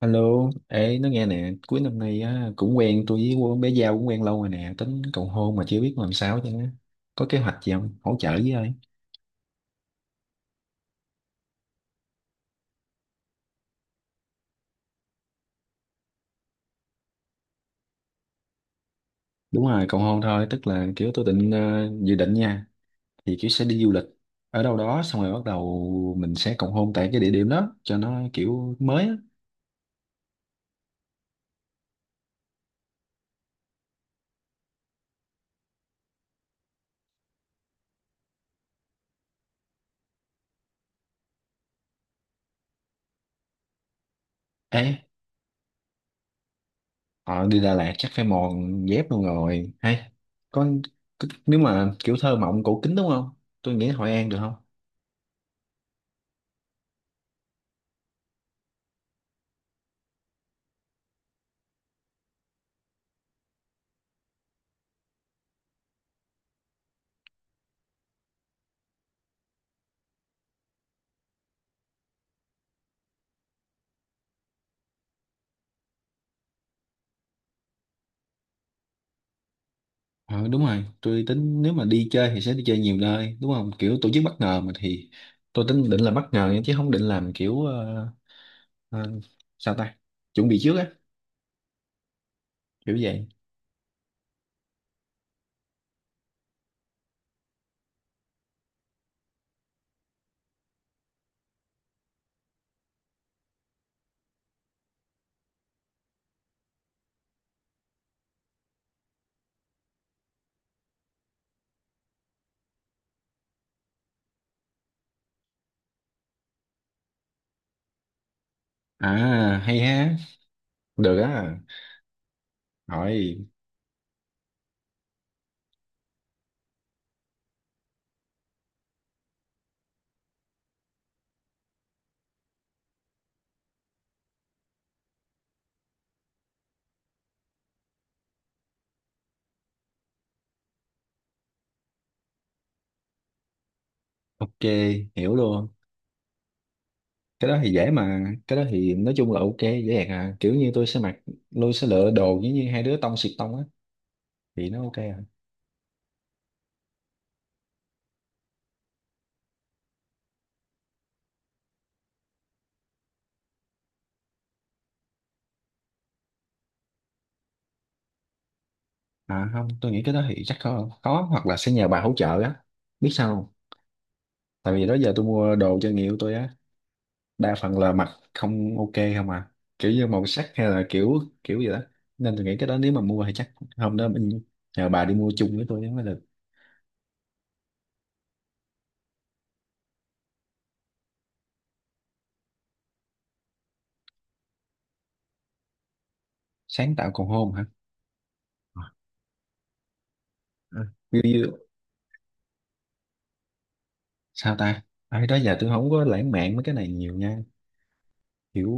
Alo, ê, nó nghe nè, cuối năm nay á, cũng quen tôi với cô bé Giao cũng quen lâu rồi nè, tính cầu hôn mà chưa biết làm sao chứ. Có kế hoạch gì không? Hỗ trợ với ơi. Đúng rồi, cầu hôn thôi, tức là kiểu tôi định dự định nha, thì kiểu sẽ đi du lịch ở đâu đó xong rồi bắt đầu mình sẽ cầu hôn tại cái địa điểm đó cho nó kiểu mới á. Ê, ờ, đi Đà Lạt chắc phải mòn dép luôn rồi. Hay, có nếu mà kiểu thơ mộng cổ kính đúng không? Tôi nghĩ Hội An được không? Ờ, đúng rồi, tôi tính nếu mà đi chơi thì sẽ đi chơi nhiều nơi, đúng không? Kiểu tổ chức bất ngờ mà thì tôi tính định là bất ngờ nha, chứ không định làm kiểu ờ, sao ta? Chuẩn bị trước á, kiểu vậy. À, hay ha. Được á. Rồi, ok, hiểu luôn. Cái đó thì dễ mà, cái đó thì nói chung là ok, dễ dàng à. Kiểu như tôi sẽ mặc, tôi sẽ lựa đồ giống như hai đứa tông xịt tông á, thì nó ok à. À không, tôi nghĩ cái đó thì chắc khó, khó hoặc là sẽ nhờ bà hỗ trợ á. Biết sao không? Tại vì đó giờ tôi mua đồ cho người yêu tôi á, đa phần là mặt không ok không à, kiểu như màu sắc hay là kiểu kiểu gì đó, nên tôi nghĩ cái đó nếu mà mua thì chắc hôm đó mình nhờ bà đi mua chung với tôi mới được. Sáng tạo còn hôn hả? Ừ. Như sao ta? Ai đó giờ tôi không có lãng mạn mấy cái này nhiều nha, kiểu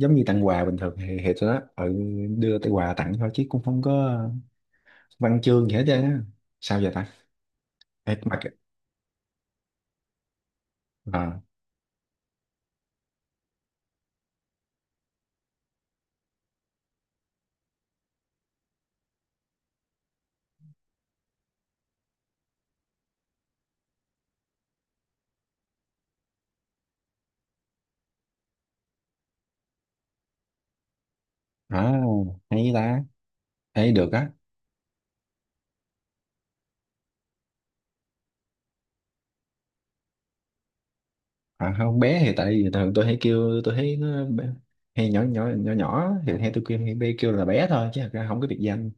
giống như tặng quà bình thường thì tôi đó, đưa tới quà tặng thôi chứ cũng không có văn chương gì hết trơn á. Sao giờ ta? Ê, mà ờ à, hay ta, thấy được á. À, không bé thì tại vì thường tôi hay kêu, tôi thấy nó hay nhỏ nhỏ nhỏ nhỏ thì hay tôi kêu, hay bé kêu là bé thôi chứ thật ra không có biệt danh,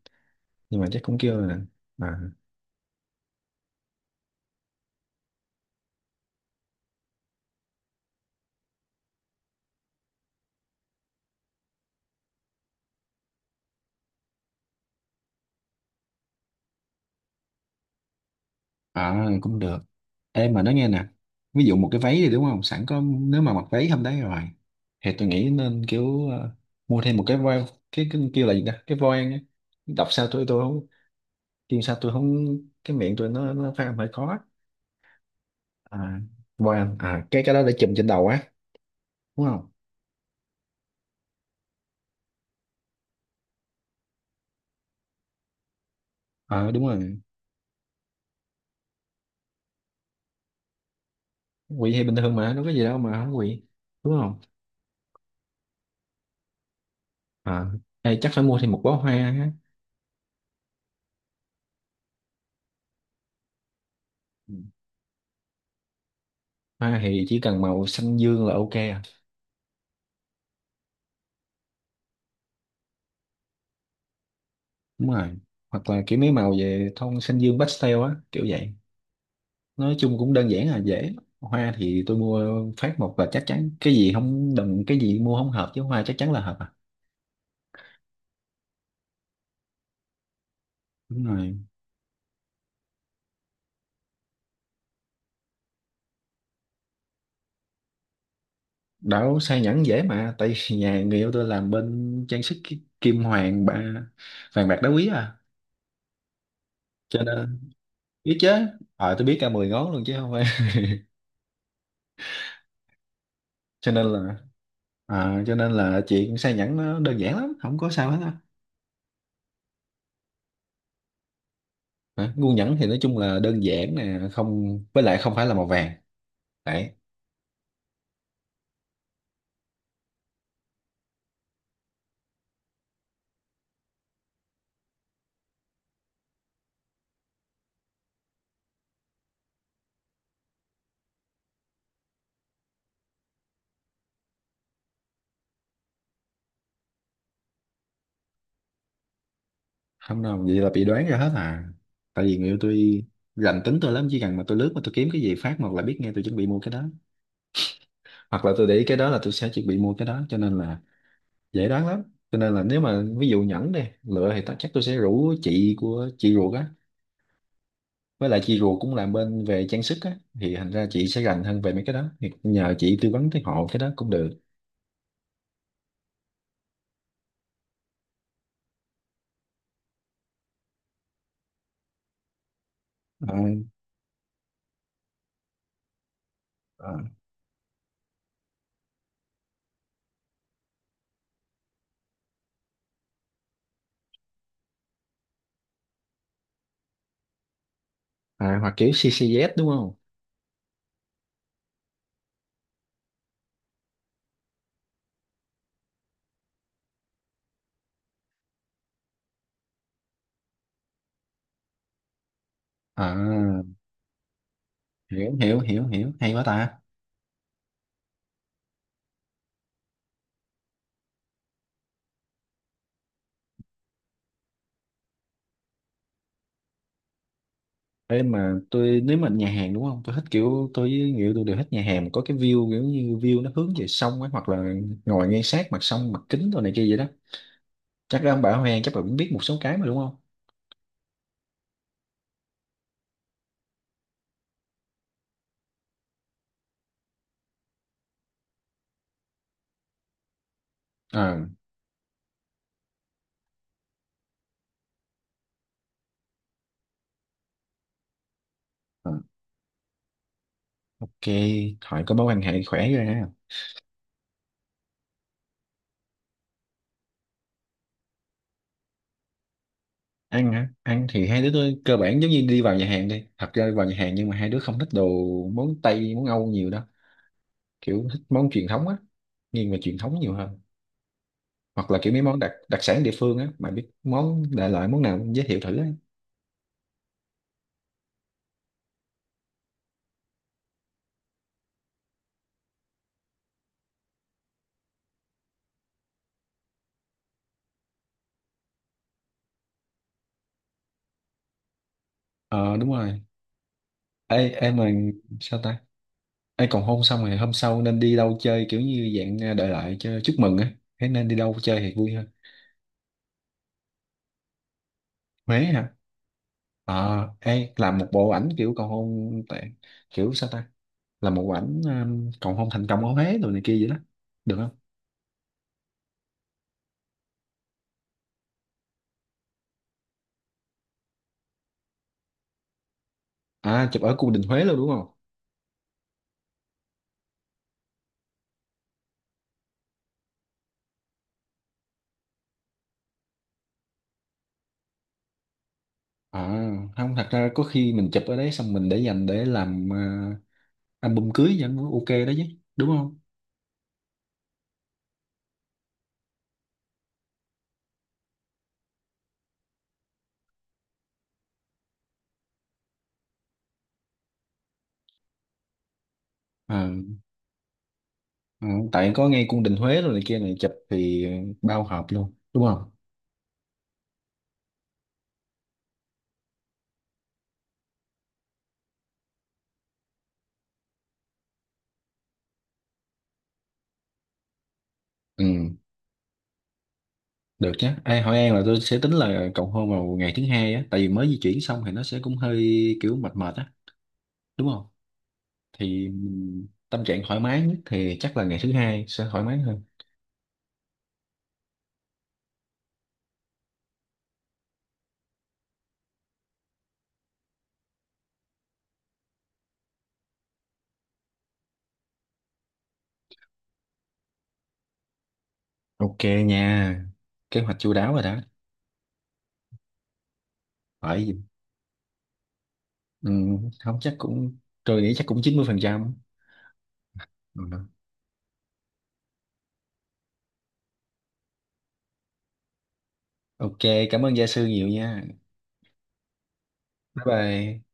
nhưng mà chắc cũng kêu là à, à cũng được. Em mà nói nghe nè, ví dụ một cái váy thì đúng không, sẵn có nếu mà mặc váy hôm đấy rồi thì tôi nghĩ nên kiểu mua thêm một cái voi, cái kêu là gì ta, cái voan á. Đọc sao tôi không, kêu sao tôi không, cái miệng tôi nó phát âm hơi khó. À, voan à, cái đó để chùm trên đầu á, đúng không? Ờ đúng rồi, quỵ thì bình thường mà đâu có gì đâu mà không quỵ, đúng không? À, đây chắc phải mua thêm một bó hoa á. Ừ. Hoa thì chỉ cần màu xanh dương là ok à. Đúng rồi, hoặc là kiểu mấy màu về tông xanh dương pastel á, kiểu vậy. Nói chung cũng đơn giản à, dễ. Hoa thì tôi mua phát một là chắc chắn, cái gì không đừng, cái gì mua không hợp chứ hoa chắc chắn là hợp à. Đúng rồi, đảo sai nhẫn dễ mà, tại vì nhà người yêu tôi làm bên trang sức, kim hoàng ba, vàng bạc đá quý à, cho nên biết chứ. Ờ tôi biết cả 10 ngón luôn chứ không, cho nên là, chuyện sa nhẫn nó đơn giản lắm không có sao hết á. Hả? Ngu nhẫn thì nói chung là đơn giản nè, không, với lại không phải là màu vàng đấy. Không đâu, vậy là bị đoán ra hết à, tại vì người yêu tôi rành tính tôi lắm, chỉ cần mà tôi lướt mà tôi kiếm cái gì phát một là biết ngay tôi chuẩn bị mua cái đó, hoặc là tôi để ý cái đó là tôi sẽ chuẩn bị mua cái đó, cho nên là dễ đoán lắm. Cho nên là nếu mà ví dụ nhẫn đi lựa thì chắc tôi sẽ rủ chị của chị ruột á. Với lại chị ruột cũng làm bên về trang sức á, thì thành ra chị sẽ rành hơn về mấy cái đó, thì nhờ chị tư vấn tới hộ cái đó cũng được. à, à, Hoặc kiểu CCZ đúng không? À, hiểu hiểu hiểu hiểu, hay quá ta. Ê mà tôi, nếu mà nhà hàng đúng không, tôi thích kiểu tôi với người yêu tôi đều thích nhà hàng mà có cái view, kiểu như view nó hướng về sông ấy, hoặc là ngồi ngay sát mặt sông, mặt kính đồ này kia vậy đó, chắc là ông bà Hoàng chắc là cũng biết một số cái mà, đúng không? à, à ok, hỏi có mối quan hệ khỏe rồi ha. Ăn hả? Ăn thì hai đứa tôi cơ bản giống như đi vào nhà hàng, đi thật ra vào nhà hàng, nhưng mà hai đứa không thích đồ món Tây món Âu nhiều đâu, kiểu thích món truyền thống á, nghiêng về truyền thống nhiều hơn. Hoặc là kiểu mấy món đặc đặc sản địa phương á, mà biết món đại loại món nào cũng giới thiệu thử á. Ờ đúng rồi. Ê em mà, sao ta? Ê, còn hôn xong rồi hôm sau nên đi đâu chơi, kiểu như dạng à, đại loại cho chúc mừng á, thế nên đi đâu chơi thì vui hơn. Huế hả? Ê, làm một bộ ảnh kiểu cầu hôn tại, kiểu sao ta, là một ảnh còn không thành công ở Huế rồi này kia vậy đó, được không? À, chụp ở cung đình Huế luôn đúng không? À không, thật ra có khi mình chụp ở đấy xong mình để dành để làm album cưới vẫn ok đó chứ, đúng không? À, ừ, tại có ngay cung đình Huế rồi này kia này chụp thì bao hợp luôn, đúng không? Ừ được chứ. Ê, Hội An là tôi sẽ tính là cầu hôn vào ngày thứ hai á, tại vì mới di chuyển xong thì nó sẽ cũng hơi kiểu mệt mệt á, đúng không? Thì tâm trạng thoải mái nhất thì chắc là ngày thứ hai sẽ thoải mái hơn. Ok nha, kế hoạch chu đáo rồi đó. Hỏi gì? Ừ, không chắc cũng, tôi nghĩ chắc cũng 90%. Ừ. Ok, cảm ơn gia sư nhiều nha. Bye bye.